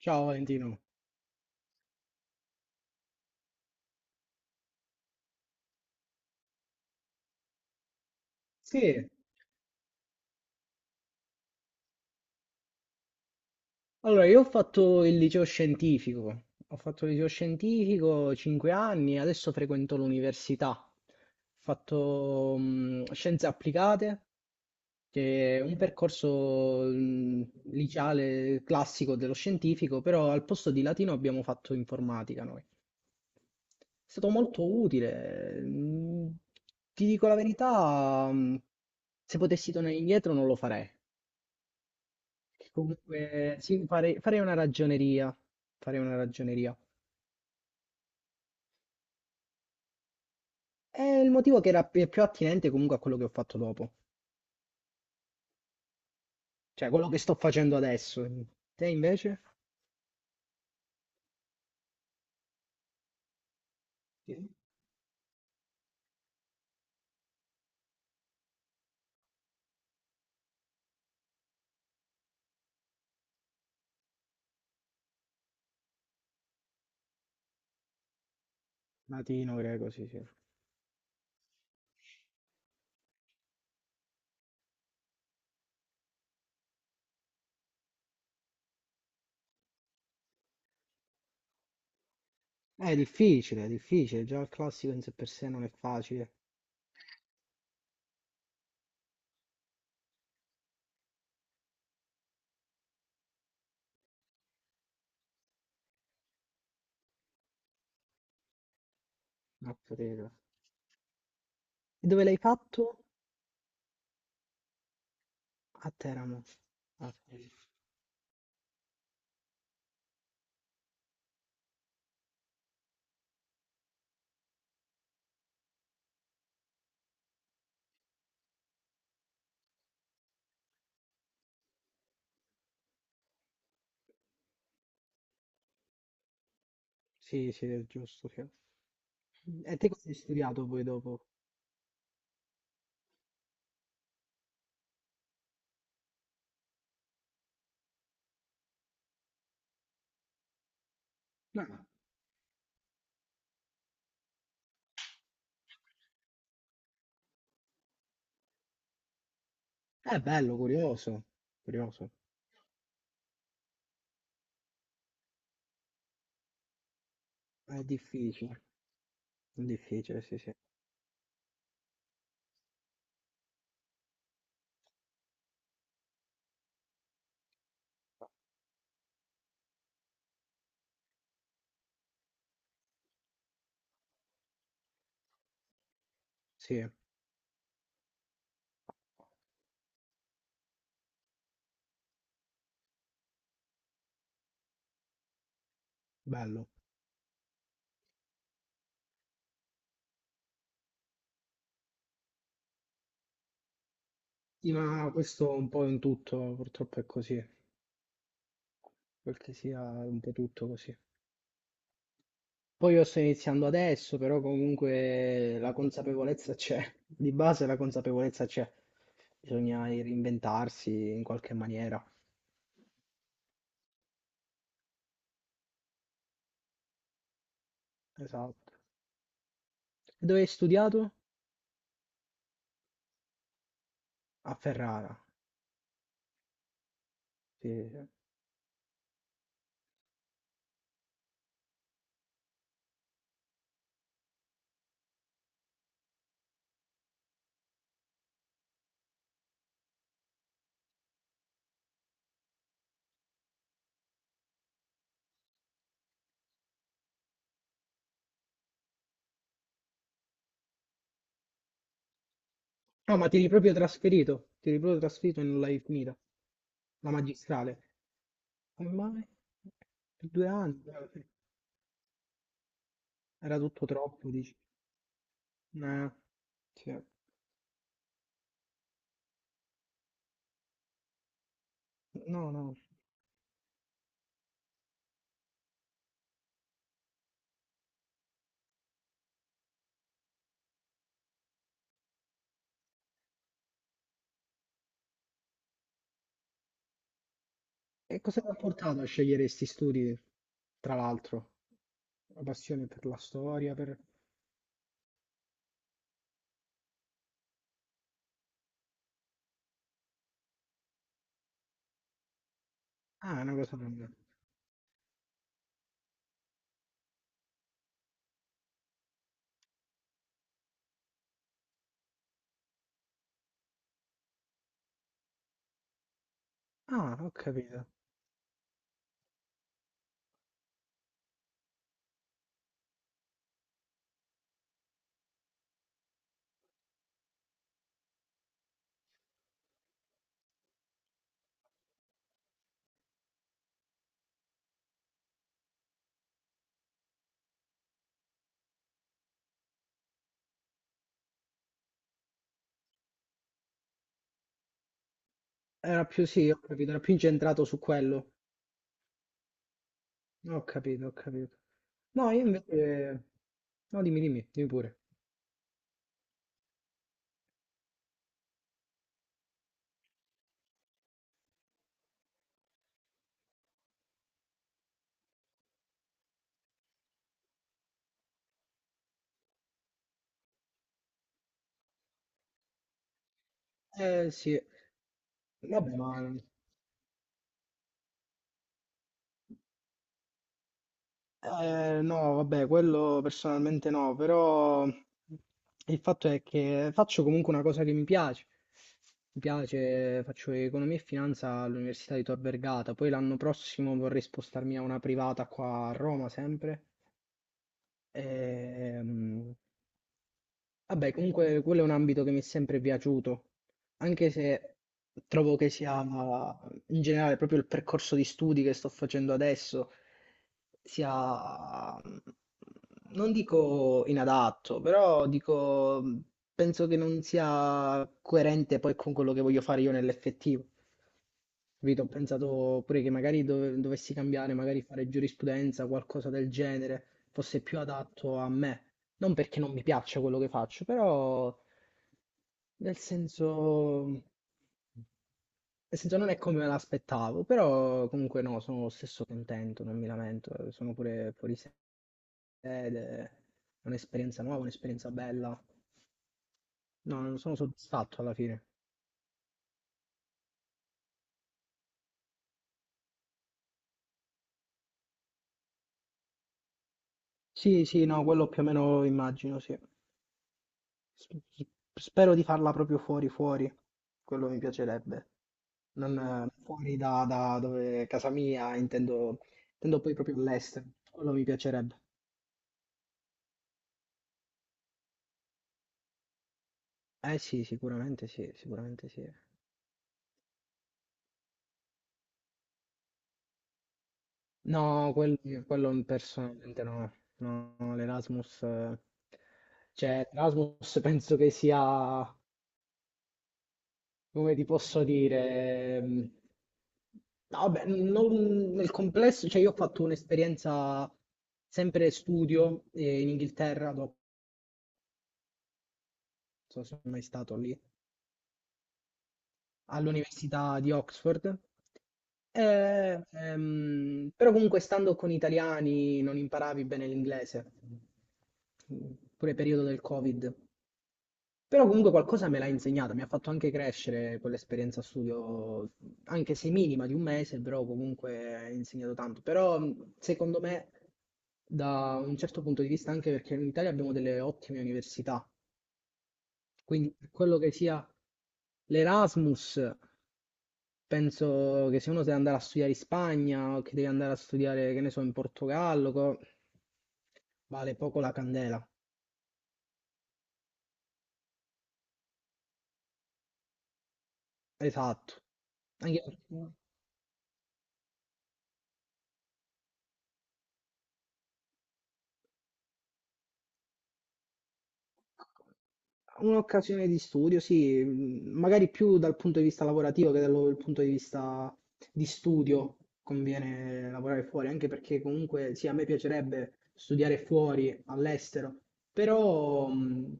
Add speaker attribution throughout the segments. Speaker 1: Ciao Valentino. Sì, allora io ho fatto il liceo scientifico, ho fatto il liceo scientifico 5 anni, adesso frequento l'università. Ho fatto scienze applicate, che è un percorso liceale classico dello scientifico, però al posto di latino abbiamo fatto informatica noi. È stato molto utile. Ti dico la verità, se potessi tornare indietro non lo farei. Che comunque sì, farei una ragioneria. Farei una ragioneria. È il motivo che era più attinente comunque a quello che ho fatto dopo, cioè quello che sto facendo adesso. Te invece? Sì. Latino, greco, sì, sì. È difficile, già il classico in sé per sé non è facile. Mazza tela. E dove l'hai fatto? A Teramo. Ah, sì, sì, sì, è giusto. Sì. E te cosa hai studiato poi dopo? No, è bello, curioso, curioso. È difficile, difficile, sì, sì. Sì, bello. Sì, ma questo un po' in tutto, purtroppo è così, quel che sia un po' tutto così. Poi io sto iniziando adesso, però comunque la consapevolezza c'è, di base la consapevolezza c'è. Bisogna reinventarsi in qualche maniera. Esatto. E dove hai studiato? A Ferrara. Sì. Sì. No, ma ti eri proprio trasferito, ti eri proprio trasferito e non l'hai finita, la magistrale. Come mai? Per 2 anni, era tutto troppo, dici. Eh, sì. No, no. E cosa ti ha portato a scegliere questi studi, tra l'altro? La passione per la storia, per... Ah, è una cosa lunga. Ah, ho capito. Era più, sì, ho capito, era più incentrato su quello. Ho capito, ho capito. No, io invece... No, dimmi, dimmi, dimmi pure. Sì. Vabbè, ma... no, vabbè, quello personalmente no, però il fatto è che faccio comunque una cosa che mi piace. Mi piace, faccio economia e finanza all'Università di Tor Vergata, poi l'anno prossimo vorrei spostarmi a una privata qua a Roma sempre. Ehm, Vabbè, comunque quello è un ambito che mi è sempre piaciuto, anche se trovo che sia in generale proprio il percorso di studi che sto facendo adesso sia, non dico inadatto, però dico, penso che non sia coerente poi con quello che voglio fare io nell'effettivo. Capito? Ho pensato pure che magari dovessi cambiare, magari fare giurisprudenza, qualcosa del genere, fosse più adatto a me. Non perché non mi piaccia quello che faccio, però nel senso non è come me l'aspettavo, però comunque no, sono lo stesso contento, non mi lamento, sono pure fuori sede, ed è un'esperienza nuova, un'esperienza bella. No, non sono soddisfatto alla fine. Sì, sì, no, quello più o meno immagino, sì. S- s- Spero di farla proprio fuori, fuori. Quello mi piacerebbe. Non fuori da, da dove casa mia, intendo, intendo poi proprio all'estero. Quello mi piacerebbe. Eh sì, sicuramente sì, sicuramente sì. No, quello personalmente no. No, no, l'Erasmus, cioè Erasmus penso che sia, come ti posso dire, no, vabbè, nel complesso, cioè io ho fatto un'esperienza sempre studio in Inghilterra, dopo non so se sono mai stato lì, all'università di Oxford. E, però comunque stando con italiani non imparavi bene l'inglese, pure periodo del Covid. Però comunque qualcosa me l'ha insegnata, mi ha fatto anche crescere quell'esperienza a studio, anche se minima di 1 mese, però comunque ha insegnato tanto. Però secondo me, da un certo punto di vista, anche perché in Italia abbiamo delle ottime università, quindi per quello che sia l'Erasmus, penso che se uno deve andare a studiare in Spagna o che deve andare a studiare, che ne so, in Portogallo, vale poco la candela. Esatto. Perché un'occasione di studio, sì, magari più dal punto di vista lavorativo che dal punto di vista di studio conviene lavorare fuori, anche perché comunque sì, a me piacerebbe studiare fuori, all'estero, però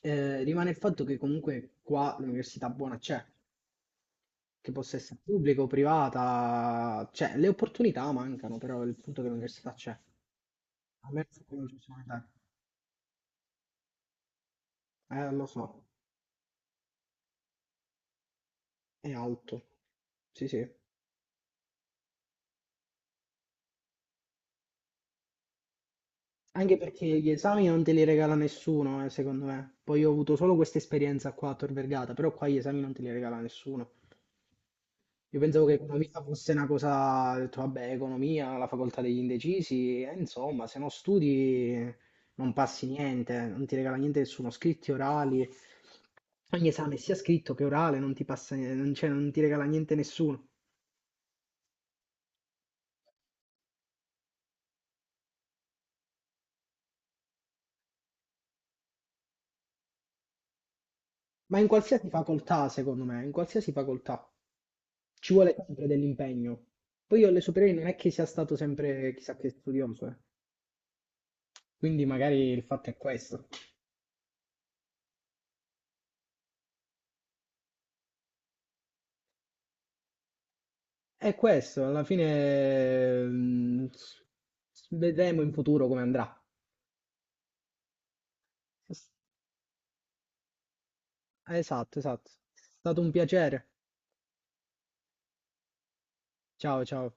Speaker 1: rimane il fatto che comunque qua l'università buona c'è, che possa essere pubblica o privata, cioè le opportunità mancano, però il punto è che l'università c'è. A me non ci sono idee. Lo so, è alto. Sì, sì. Anche perché gli esami non te li regala nessuno, secondo me. Poi io ho avuto solo questa esperienza qua a Tor Vergata, però qua gli esami non te li regala nessuno. Io pensavo che economia fosse una cosa, ho detto, vabbè, economia, la facoltà degli indecisi, insomma, se non studi non passi niente, non ti regala niente nessuno, scritti orali, ogni esame sia scritto che orale non ti passa, non, cioè, non ti regala niente nessuno. Ma in qualsiasi facoltà, secondo me, in qualsiasi facoltà ci vuole sempre dell'impegno. Poi io alle superiori non è che sia stato sempre chissà che studioso, eh. Quindi magari il fatto è questo. È questo, alla fine vedremo in futuro come andrà. Esatto, esatto. È stato un piacere. Ciao, ciao.